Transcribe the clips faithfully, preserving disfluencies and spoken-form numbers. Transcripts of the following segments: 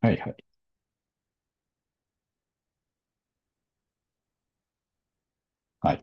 はいはい。はい。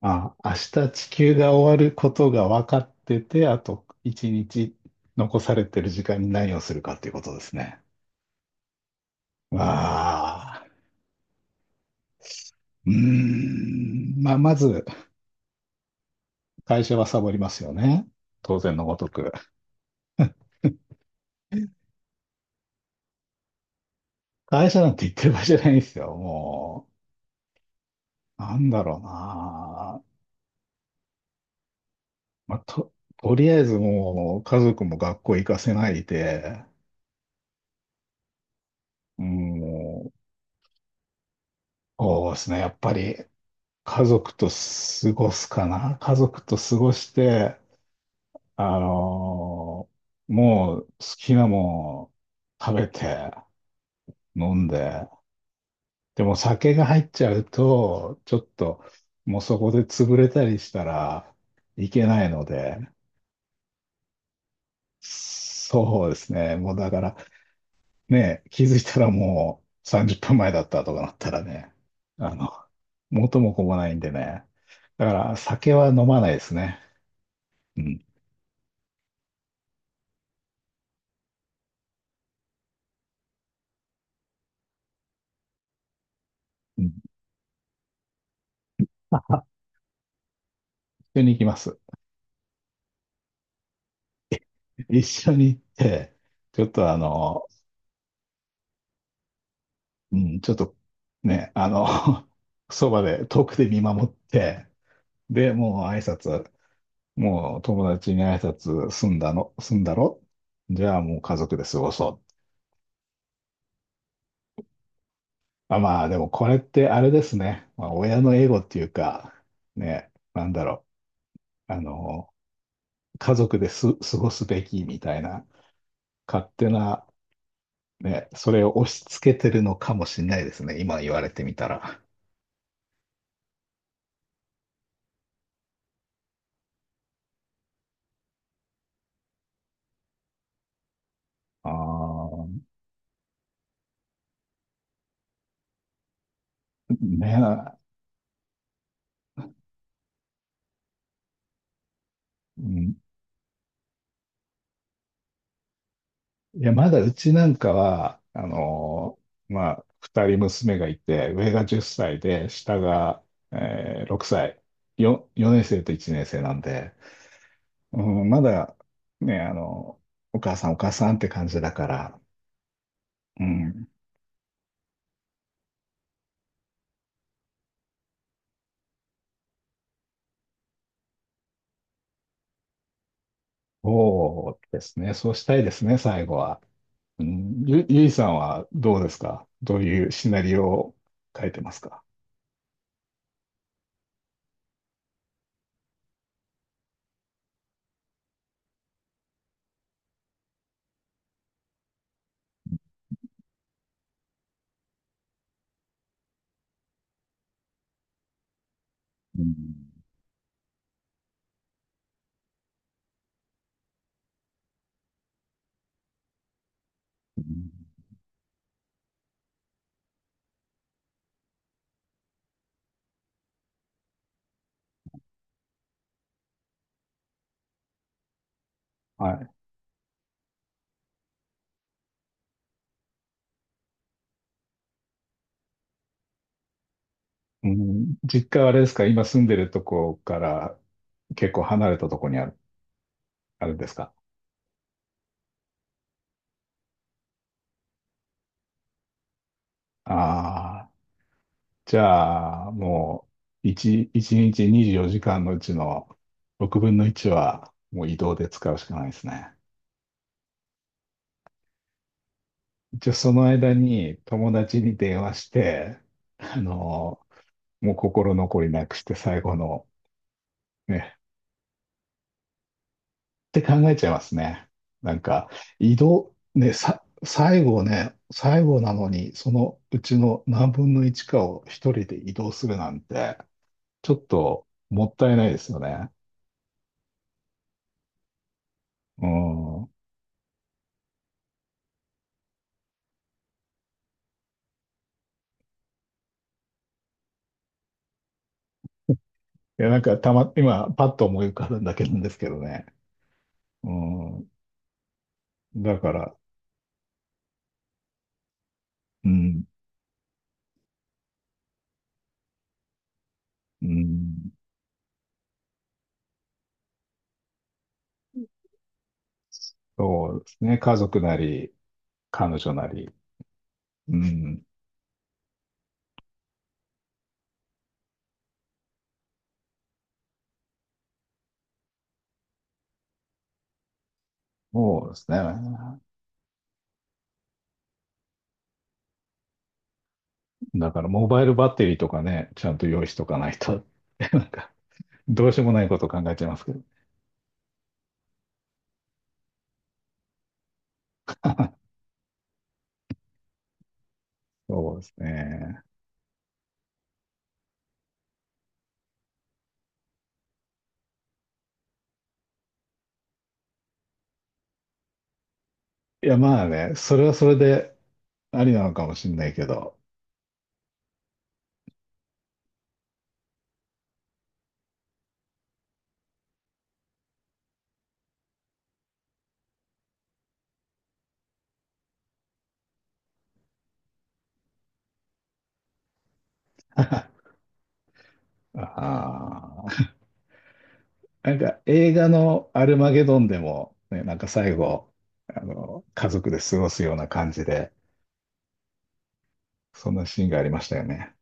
あ、明日地球が終わることが分かってて、あと一日残されてる時間に何をするかっていうことですね。わあ、うーん。まあ、まず、会社はサボりますよね。当然のごとく。会社なんて言ってる場合じゃないんですよ。もう、なんだろうな。まあ、と、とりあえずもう家族も学校行かせないで、うんもう、そうですね。やっぱり家族と過ごすかな。家族と過ごして、あのーもう好きなもん食べて飲んで、でも酒が入っちゃうと、ちょっともうそこで潰れたりしたらいけないので、そうですね。もうだからね、気づいたらもうさんじゅっぷんまえだったとかなったらね、あの、元も子もないんでね。だから酒は飲まないですね。うん。緒に行きます。一緒に行って、ちょっとあの、うん、ちょっとね、あの、そばで遠くで見守って、で、もう挨拶、もう友達に挨拶済んだの、済んだろじゃあもう家族で過ごそう。あ、まあでもこれってあれですね。まあ、親のエゴっていうか、ね、なんだろう。あの、家族です過ごすべきみたいな、勝手な、ね、それを押し付けてるのかもしれないですね。今言われてみたら。ああ、ねえ、うん。いや、まだうちなんかは、あのーまあ、二人娘がいて、上がじゅっさいで、下が、えーろくさい、よ、よねん生といちねん生なんで、うん、まだ、ね、あの、お母さんお母さんって感じだから、うん、そうですね、そうしたいですね、最後は。うん、ゆ、ゆいさんはどうですか？どういうシナリオを書いてますか？うん、はい。うん、実家はあれですか？今住んでるとこから結構離れたとこにある、あるんですか？ああ、じゃあ、もう、一一日にじゅうよじかんのうちのろくぶんのいちは、もう移動で使うしかないですね。じゃあ、その間に友達に電話して、あの、もう心残りなくして最後のね、って考えちゃいますね。なんか、移動、ね、さ、最後ね、最後なのに、そのうちの何分のいちかを一人で移動するなんて、ちょっともったいないですよね。うん。いや、なんかたま、今、パッと思い浮かぶんだけなんですけどね。うん。だから、うん、うん。そうですね。家族なり、彼女なり。うん。そうですね。だから、モバイルバッテリーとかね、ちゃんと用意しとかないと。なんかどうしようもないことを考えちゃいますけど。そうですね。いや、まあね、それはそれでありなのかもしれないけど。ああ、なんか映画のアルマゲドンでも、ね、なんか最後、あの、家族で過ごすような感じで、そんなシーンがありましたよね。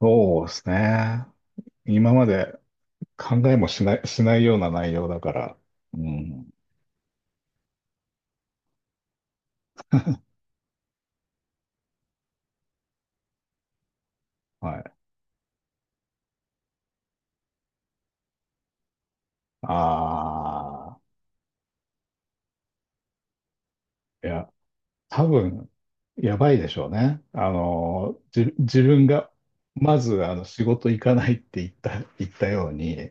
そうですね。今まで考えもしない、しないような内容だから。うん。はい。ああ。いや、多分、やばいでしょうね。あの、じ、自分が、まず、あの、仕事行かないって言った、言ったように、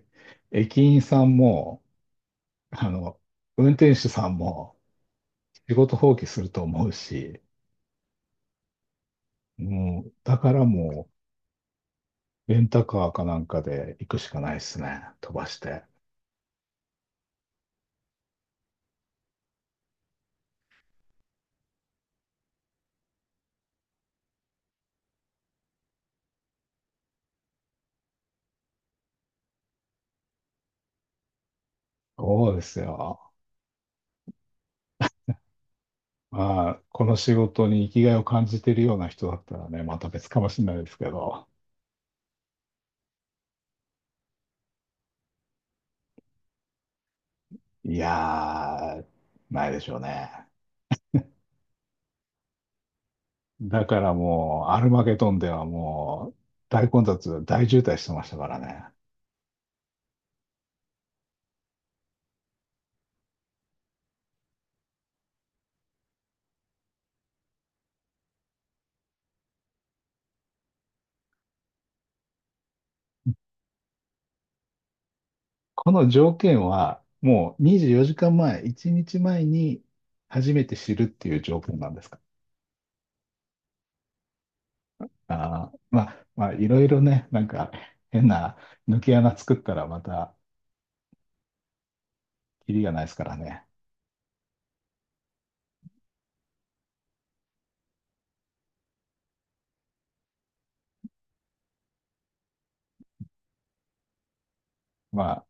駅員さんも、あの、運転手さんも、仕事放棄すると思うし、もう、だからもう、レンタカーかなんかで行くしかないですね。飛ばして。そうですよ。まあ、この仕事に生きがいを感じてるような人だったらね、また別かもしれないですけど、いやー、ないでしょうね。だからもう、アルマゲドンではもう、大混雑、大渋滞してましたからね。この条件は、もうにじゅうよじかんまえ、いちにちまえに初めて知るっていう条件なんですか？あー、まあ、まあ、いろいろね、なんか変な抜け穴作ったらまた、キリがないですからね。まあ、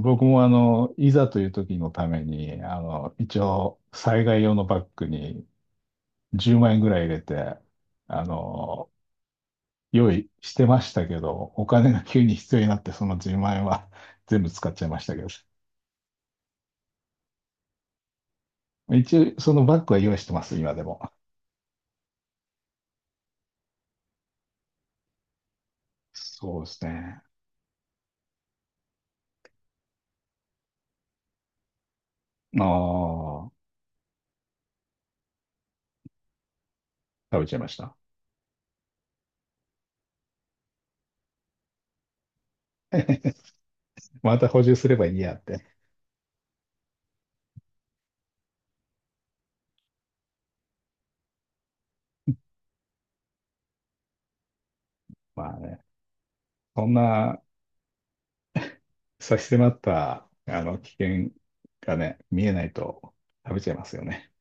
僕もあの、いざという時のために、あの、一応、災害用のバッグにじゅうまん円ぐらい入れて、あの、用意してましたけど、お金が急に必要になって、そのじゅうまん円は 全部使っちゃいましたけど。一応、そのバッグは用意してます、今でも。そうですね。ああ、食べちゃいました。また補充すればいいやって。まあね、そんな差し迫った、あの、危険がね、見えないと食べちゃいますよね。